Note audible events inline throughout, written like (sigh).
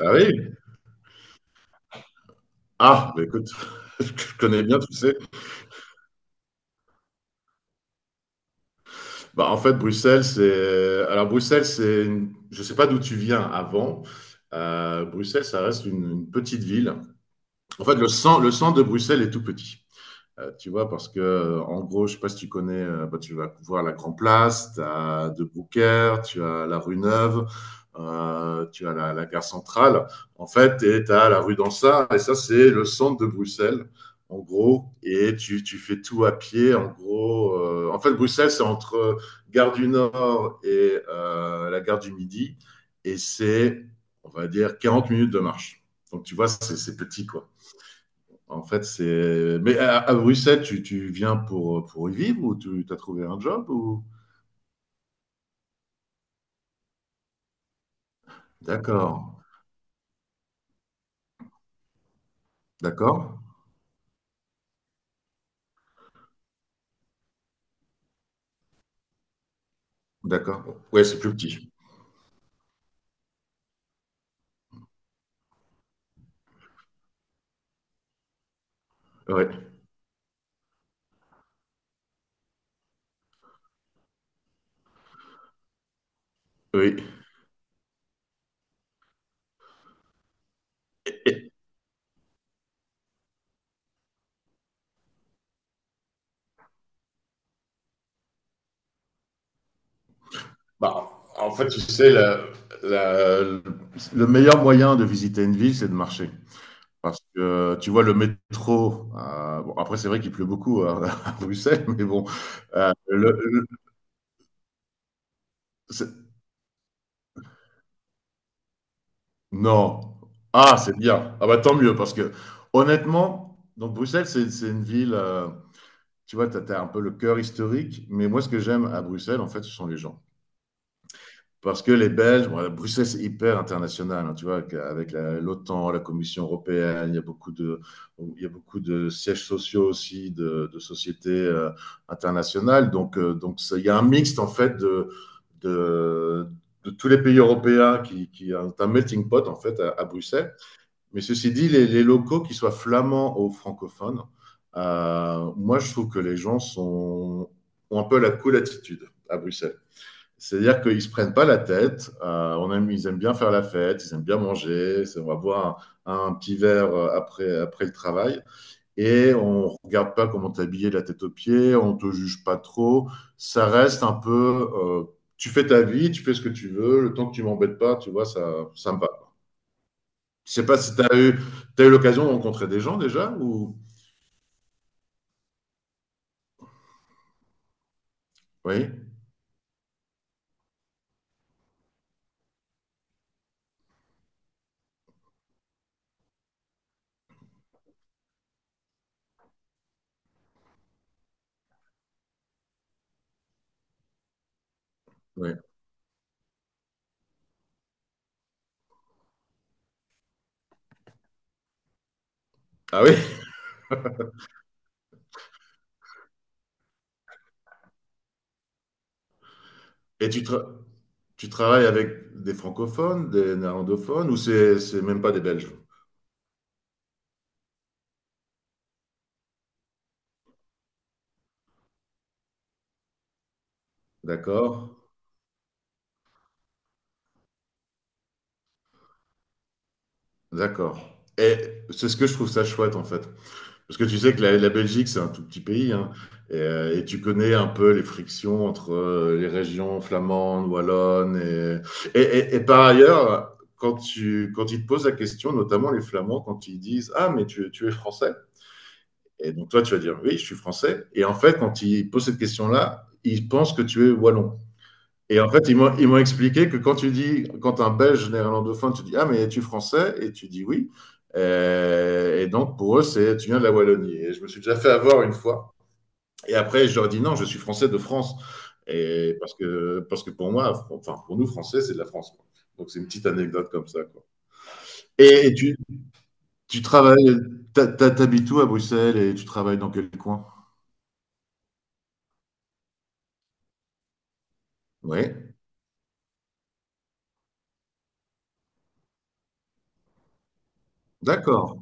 Ah oui? Ah, bah écoute, (laughs) je connais bien, tu sais. En fait, Bruxelles, c'est. Alors, Je sais pas d'où tu viens avant. Bruxelles, ça reste une petite ville. En fait, le centre de Bruxelles est tout petit. Tu vois, parce que, en gros, je sais pas si tu connais, bah, tu vas voir la Grand Place, tu as De Brouckère, tu as la rue Neuve, tu as la gare centrale, en fait, et tu as la rue d'Ansart, et ça, c'est le centre de Bruxelles, en gros, et tu fais tout à pied, en gros. En fait, Bruxelles, c'est entre gare du Nord et la gare du Midi, et c'est, on va dire, 40 minutes de marche. Donc, tu vois, c'est petit, quoi. En fait, c'est. Mais à Bruxelles, tu viens pour y vivre ou tu as trouvé un job ou... D'accord, d'accord, d'accord. Ouais, c'est plus petit. Ouais, oui. Et- et- Bah, en fait, tu sais, la- le meilleur moyen de visiter une ville, c'est de marcher. Parce que tu vois, le métro, bon, après, c'est vrai qu'il pleut beaucoup à, (laughs) à Bruxelles, mais bon, euh, le, le- c'est- Non. Ah, c'est bien. Ah bah tant mieux parce que honnêtement, donc Bruxelles, c'est une ville, tu vois, tu as un peu le cœur historique, mais moi, ce que j'aime à Bruxelles, en fait, ce sont les gens. Parce que les Belges, bon, Bruxelles, c'est hyper international, hein, tu vois? Avec la l'OTAN, la Commission européenne, il y a beaucoup de sièges sociaux aussi de sociétés, internationales. Donc c'est il y a un mixte, en fait, de de tous les pays européens qui, est un melting pot, en fait, à Bruxelles. Mais ceci dit, les locaux, qu'ils soient flamands ou francophones, moi, je trouve que les gens sont, ont un peu la cool attitude à Bruxelles. C'est-à-dire qu'ils ne se prennent pas la tête. Ils aiment bien faire la fête, ils aiment bien manger. On va boire un petit verre après, après le travail. Et on ne regarde pas comment t'es habillé de la tête aux pieds, on ne te juge pas trop. Ça reste un peu. Tu fais ta vie, tu fais ce que tu veux. Le temps que tu ne m'embêtes pas, tu vois, ça me va. Je sais pas si tu as eu, T'as eu l'occasion de rencontrer des gens déjà ou... Oui, oui. Ah oui? Et tu, tra- Tu travailles avec des francophones, des néerlandophones ou c'est même pas des Belges? D'accord, d'accord. Et c'est ce que je trouve ça chouette en fait. Parce que tu sais que la Belgique, c'est un tout petit pays hein. Et, et tu connais un peu les frictions entre les régions flamandes, wallonnes. Et par ailleurs, quand ils te posent la question, notamment les Flamands, quand ils disent ah, mais tu es français? Et donc toi, tu vas dire, oui, je suis français. Et en fait, quand ils posent cette question-là, ils pensent que tu es wallon. Et en fait, ils m'ont expliqué que quand tu dis, quand un Belge néerlandophone, tu dis, ah, mais es-tu français? Et tu dis oui. Et donc, pour eux, c'est, tu viens de la Wallonie. Et je me suis déjà fait avoir une fois. Et après, je leur dis, non, je suis français de France. Parce que pour moi, enfin, pour nous, français, c'est de la France. Quoi. Donc, c'est une petite anecdote comme ça, quoi. Et tu, tu travailles, t'ha- t'ha- T'habites où à Bruxelles et tu travailles dans quel coin? Oui. D'accord.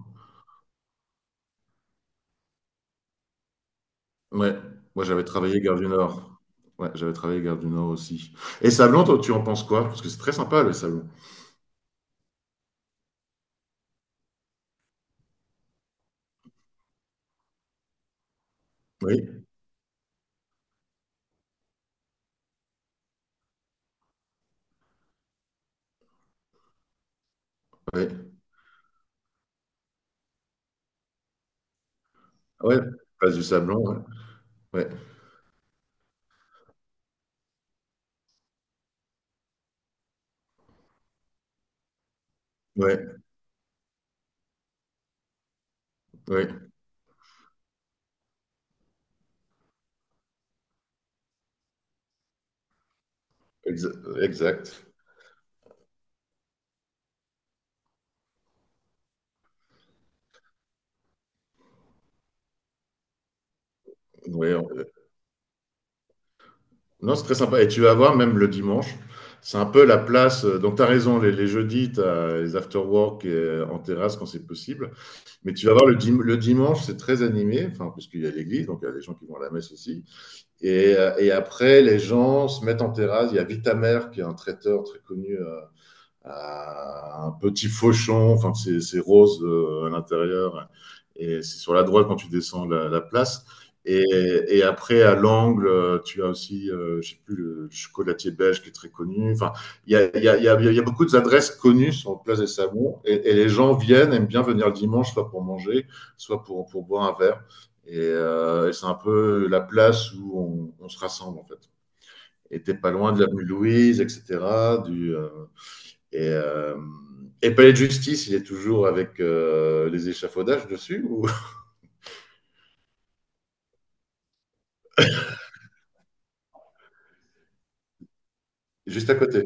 Ouais. Moi, j'avais travaillé Gare du Nord. Ouais, j'avais travaillé Gare du Nord aussi. Et Sablon, toi, tu en penses quoi? Parce que c'est très sympa, le Sablon. Oui, oui. Ouais. Place du Sablon, ouais. Ouais, ouais, ouais. Exa- exact. Ouais, on- Non, c'est très sympa. Et tu vas voir, même le dimanche, c'est un peu la place. Donc, tu as raison, les jeudis, tu as les after-work en terrasse quand c'est possible. Mais tu vas voir, le dimanche, c'est très animé, enfin, parce qu'il y a l'église, donc il y a des gens qui vont à la messe aussi. Et, après, les gens se mettent en terrasse. Il y a Vitamer, qui est un traiteur très connu un petit fauchon, enfin c'est rose à l'intérieur, et c'est sur la droite quand tu descends la place. Et, après, à l'angle, tu as aussi, je sais plus, le chocolatier belge qui est très connu. Enfin, il y a, y, a, y, a, y a, beaucoup d'adresses connues sur Place des Sablons. Et, les gens viennent, aiment bien venir le dimanche, soit pour manger, soit pour boire un verre. Et c'est un peu la place où se rassemble, en fait. Et t'es pas loin de l'avenue Louise, etc., du, euh, et, euh, et Palais de Justice, il est toujours avec les échafaudages dessus ou (laughs) juste à côté.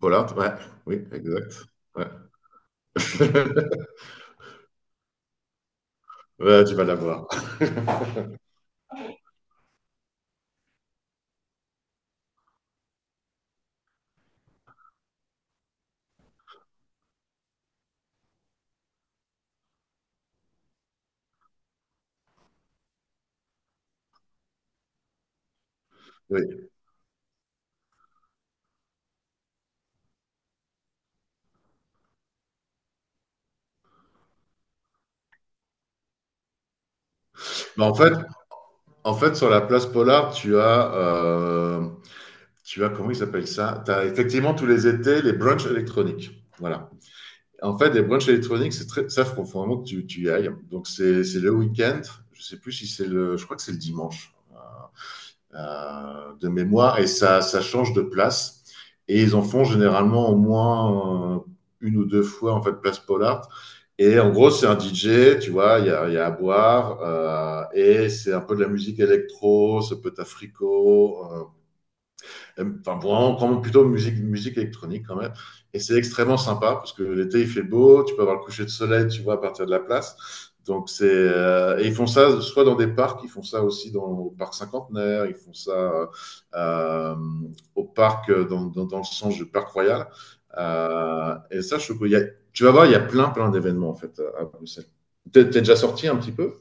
Voilà, ouais, oui, exact. Ouais. (laughs) Ouais, tu vas la voir. Oui. Mais en fait, sur la place Polar, tu as comment il s'appelle ça. Tu as effectivement tous les étés les brunchs électroniques. Voilà. En fait, les brunchs électroniques, c'est très, ça, faut vraiment que tu y ailles. Donc, c'est le week-end. Je sais plus si c'est le, je crois que c'est le dimanche. De mémoire, et ça change de place. Et ils en font généralement au moins une ou deux fois en fait place Pollard. Et en gros, c'est un DJ, tu vois, y a à boire, et c'est un peu de la musique électro, ça peut être africo, enfin, vraiment, quand même plutôt musique électronique quand même. Et c'est extrêmement sympa parce que l'été il fait beau, tu peux avoir le coucher de soleil, tu vois, à partir de la place. Donc c'est et ils font ça soit dans des parcs, ils font ça aussi dans au parc cinquantenaire, ils font ça euh, au parc dans le sens du parc royal. Et ça, je, trouve y a- Tu vas voir, il y a plein d'événements en fait à Bruxelles. T'es déjà sorti un petit peu?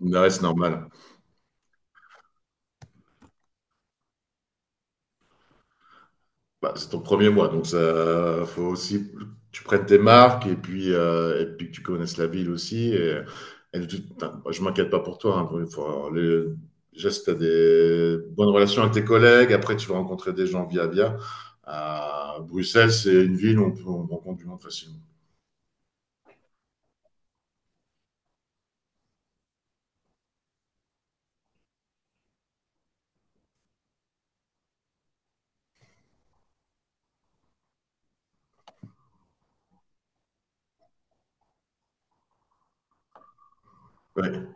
Ouais, c'est normal. Bah, c'est ton premier mois, donc ça faut aussi que tu prennes tes marques et puis que tu connaisses la ville aussi. Enfin, moi, je m'inquiète pas pour toi. Hein, faut avoir déjà, si tu as des bonnes relations avec tes collègues, après tu vas rencontrer des gens via via. À Bruxelles, c'est une ville où on rencontre du monde facilement. Ouais,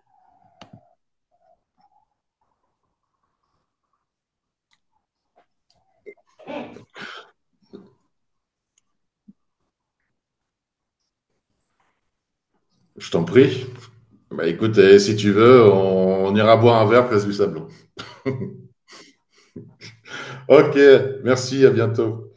je t'en prie. Bah, écoute, eh, si tu veux, on ira boire un verre place du Sablon. Ok, merci, à bientôt.